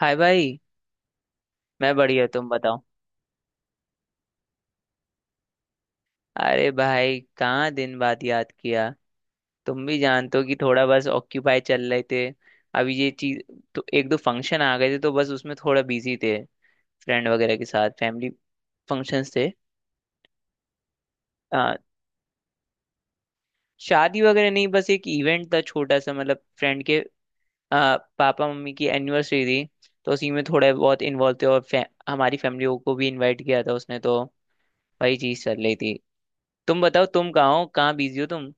हाय भाई। मैं बढ़िया, तुम बताओ। अरे भाई, कहाँ दिन बाद याद किया। तुम भी जानते हो कि थोड़ा बस ऑक्यूपाई चल रहे थे। अभी ये चीज, तो एक दो फंक्शन आ गए थे तो बस उसमें थोड़ा बिजी थे। फ्रेंड वगैरह के साथ फैमिली फंक्शंस थे। आ, शादी वगैरह नहीं, बस एक इवेंट था छोटा सा, मतलब फ्रेंड के पापा मम्मी की एनिवर्सरी थी। तो उसी में थोड़ा बहुत इन्वॉल्व थे और हमारी फैमिली को भी इन्वाइट किया था उसने, तो वही चीज चल रही थी। तुम बताओ, तुम कहाँ हो, कहाँ बिजी हो तुम।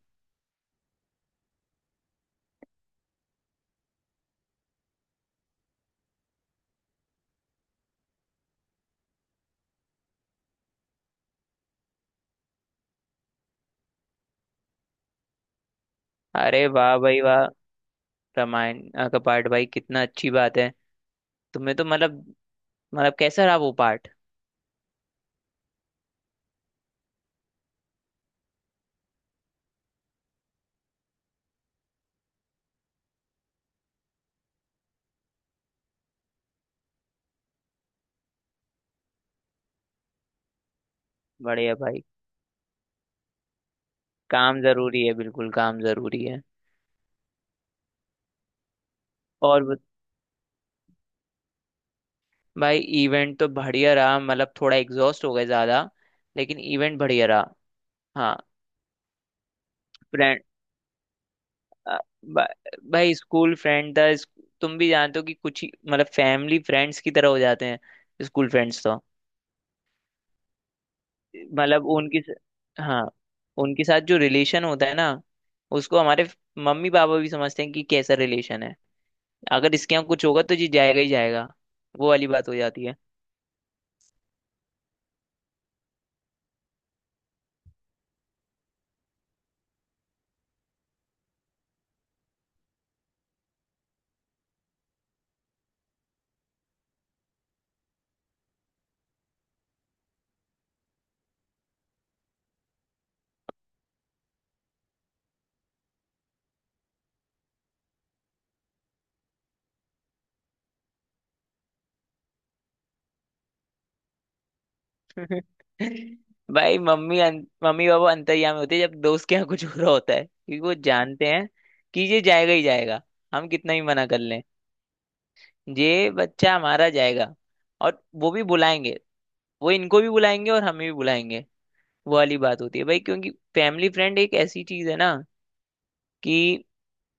अरे वाह भाई वाह। रामायण का पार्ट भाई, कितना अच्छी बात है। तुम्हें तो मतलब, मतलब कैसा रहा वो पार्ट। बढ़िया भाई। काम जरूरी है, बिल्कुल काम जरूरी है। और ब- भाई, इवेंट तो बढ़िया रहा, मतलब थोड़ा एग्जॉस्ट हो गए ज्यादा, लेकिन इवेंट बढ़िया रहा। हाँ। फ्रेंड, भाई स्कूल फ्रेंड था तुम भी जानते हो कि कुछ ही मतलब फैमिली फ्रेंड्स की तरह हो जाते हैं, स्कूल फ्रेंड्स तो। मतलब उनके स- हाँ, उनके साथ जो रिलेशन होता है ना, उसको हमारे मम्मी पापा भी समझते हैं कि कैसा रिलेशन है। अगर इसके यहाँ कुछ होगा तो ये जाएगा ही जाएगा। वो वाली बात हो जाती है। भाई मम्मी पापा अंतर्यामी होते हैं जब दोस्त के यहाँ कुछ हो रहा होता है, क्योंकि वो जानते हैं कि ये जाएगा ही जाएगा। हम कितना ही मना कर लें, ये बच्चा हमारा जाएगा। और वो भी बुलाएंगे, वो इनको भी बुलाएंगे और हमें भी बुलाएंगे। वो वाली बात होती है भाई, क्योंकि फैमिली फ्रेंड एक ऐसी चीज है ना कि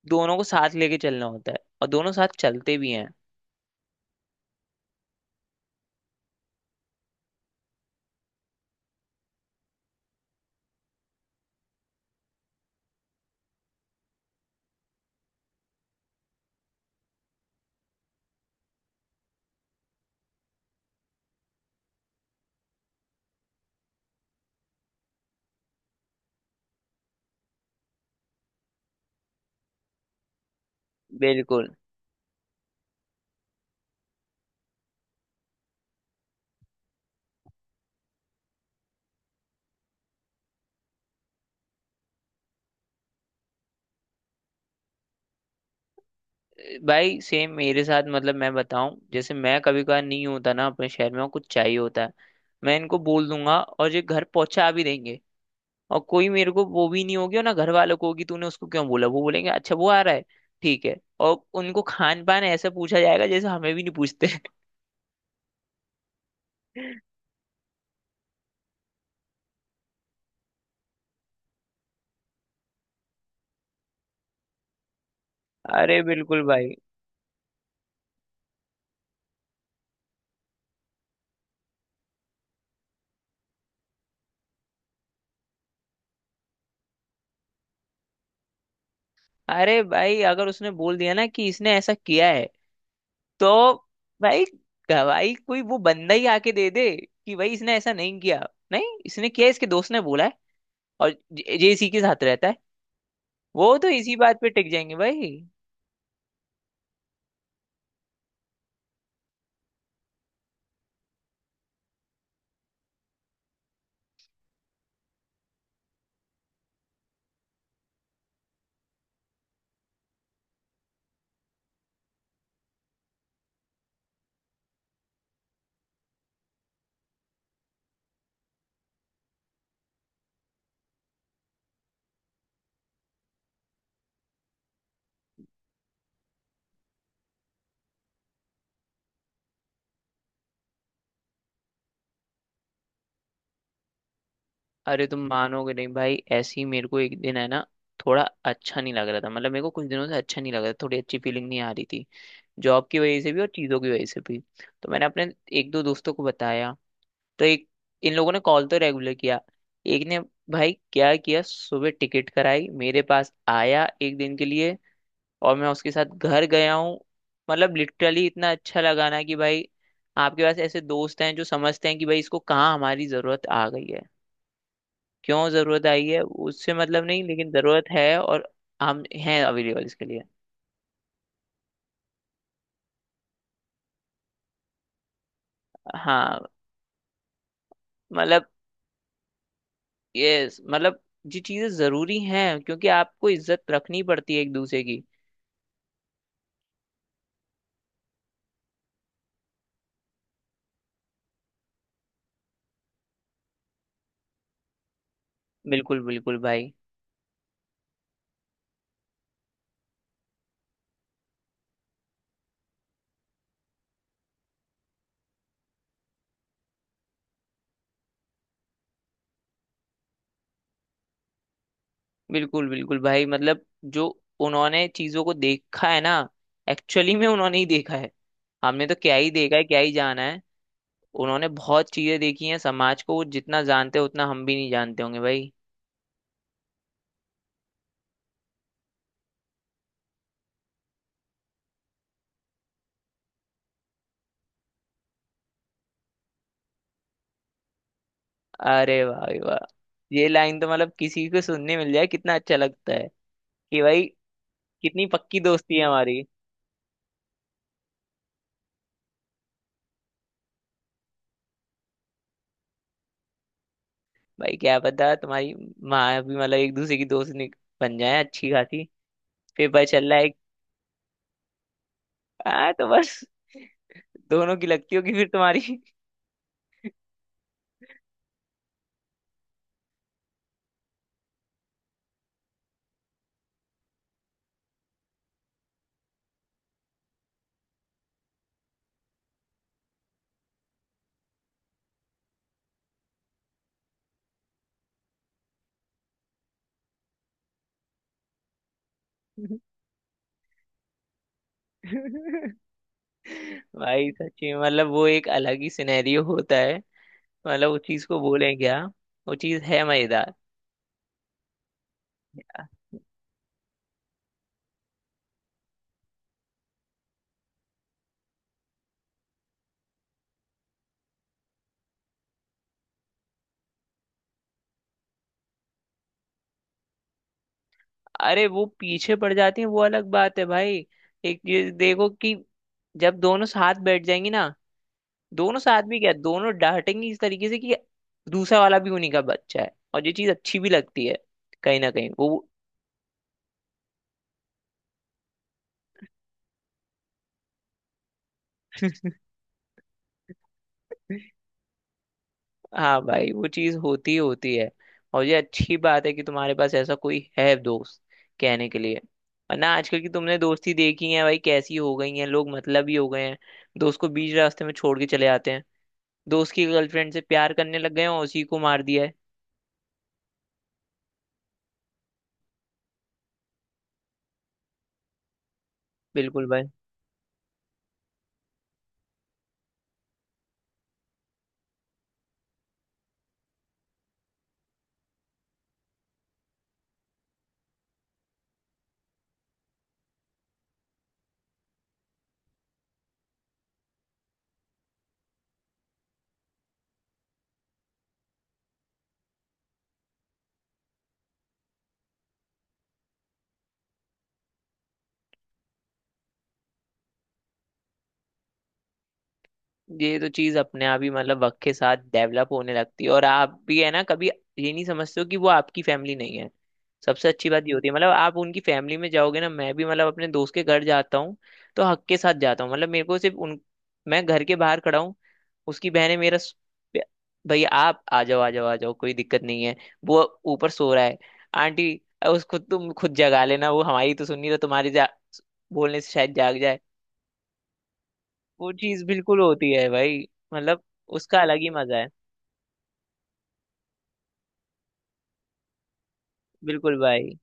दोनों को साथ लेके चलना होता है और दोनों साथ चलते भी हैं। बिल्कुल। भाई सेम मेरे साथ, मतलब मैं बताऊं, जैसे मैं कभी कभार नहीं होता ना अपने शहर में और कुछ चाहिए होता है, मैं इनको बोल दूंगा और ये घर पहुंचा भी देंगे। और कोई मेरे को वो भी नहीं होगी और ना घर वालों को होगी तूने उसको क्यों बोला, वो बोलेंगे अच्छा वो आ रहा है, ठीक है। और उनको खान पान ऐसा पूछा जाएगा जैसे हमें भी नहीं पूछते। अरे बिल्कुल भाई। अरे भाई, अगर उसने बोल दिया ना कि इसने ऐसा किया है, तो भाई, गवाही कोई वो बंदा ही आके दे दे कि भाई इसने ऐसा नहीं किया। नहीं, इसने किया, इसके दोस्त ने बोला है और जे जे इसी के साथ रहता है। वो तो इसी बात पे टिक जाएंगे भाई। अरे तुम मानोगे नहीं भाई, ऐसे ही मेरे को एक दिन है ना, थोड़ा अच्छा नहीं लग रहा था, मतलब मेरे को कुछ दिनों से अच्छा नहीं लग रहा था, थोड़ी अच्छी फीलिंग नहीं आ रही थी। जॉब की वजह से भी और चीज़ों की वजह से भी। तो मैंने अपने एक दो दोस्तों को बताया। तो एक, इन लोगों ने कॉल तो रेगुलर किया। एक ने भाई क्या किया, सुबह टिकट कराई, मेरे पास आया एक दिन के लिए, और मैं उसके साथ घर गया हूँ। मतलब लिटरली इतना अच्छा लगा ना कि भाई, आपके पास ऐसे दोस्त हैं जो समझते हैं कि भाई इसको कहाँ हमारी जरूरत आ गई है। क्यों जरूरत आई है उससे मतलब नहीं, लेकिन जरूरत है और हम हैं अवेलेबल इसके लिए। हाँ मतलब, ये मतलब ये चीजें जरूरी हैं क्योंकि आपको इज्जत रखनी पड़ती है एक दूसरे की। बिल्कुल बिल्कुल भाई। बिल्कुल बिल्कुल भाई, मतलब जो उन्होंने चीजों को देखा है ना, एक्चुअली में उन्होंने ही देखा है। हमने तो क्या ही देखा है, क्या ही जाना है। उन्होंने बहुत चीजें देखी हैं, समाज को वो जितना जानते हैं उतना हम भी नहीं जानते होंगे भाई। अरे भाई वाह। ये लाइन तो मतलब किसी को सुनने मिल जाए कितना अच्छा लगता है कि भाई कितनी पक्की दोस्ती है हमारी। भाई क्या पता तुम्हारी माँ भी मतलब एक दूसरे की बन जाए अच्छी खासी। पेपर चल रहा है। हाँ तो बस, दोनों की लगती होगी फिर तुम्हारी। भाई सच्ची में, मतलब वो एक अलग ही सिनेरियो होता है। मतलब उस चीज को बोले क्या, वो चीज है मजेदार। अरे वो पीछे पड़ जाती है वो अलग बात है भाई। एक चीज देखो कि जब दोनों साथ बैठ जाएंगी ना, दोनों साथ भी क्या, दोनों डांटेंगी इस तरीके से कि दूसरा वाला भी उन्हीं का बच्चा है, और ये चीज अच्छी भी लगती है कहीं ना कहीं वो। हाँ भाई, वो चीज होती ही होती है। और ये अच्छी बात है कि तुम्हारे पास ऐसा कोई है दोस्त कहने के लिए। वरना आजकल की तुमने दोस्ती देखी है भाई, कैसी हो गई है, लोग मतलब ही हो गए हैं। दोस्त को बीच रास्ते में छोड़ के चले आते हैं, दोस्त की गर्लफ्रेंड से प्यार करने लग गए हैं और उसी को मार दिया है। बिल्कुल भाई। ये तो चीज अपने आप ही मतलब वक्त के साथ डेवलप होने लगती है, और आप भी है ना, कभी ये नहीं समझते हो कि वो आपकी फैमिली नहीं है। सबसे अच्छी बात ये होती है, मतलब आप उनकी फैमिली में जाओगे ना, मैं भी मतलब अपने दोस्त के घर जाता हूँ तो हक के साथ जाता हूँ। मतलब मेरे को सिर्फ उन, मैं घर के बाहर खड़ा हूँ, उसकी बहन है मेरा स- भैया आप आ जाओ आ जाओ आ जाओ, कोई दिक्कत नहीं है। वो ऊपर सो रहा है। आंटी, उसको तुम खुद जगा लेना, वो हमारी तो सुन नहीं रहा, तुम्हारी जा बोलने से शायद जाग जाए। वो चीज बिल्कुल होती है भाई। मतलब उसका अलग ही मजा है। बिल्कुल भाई।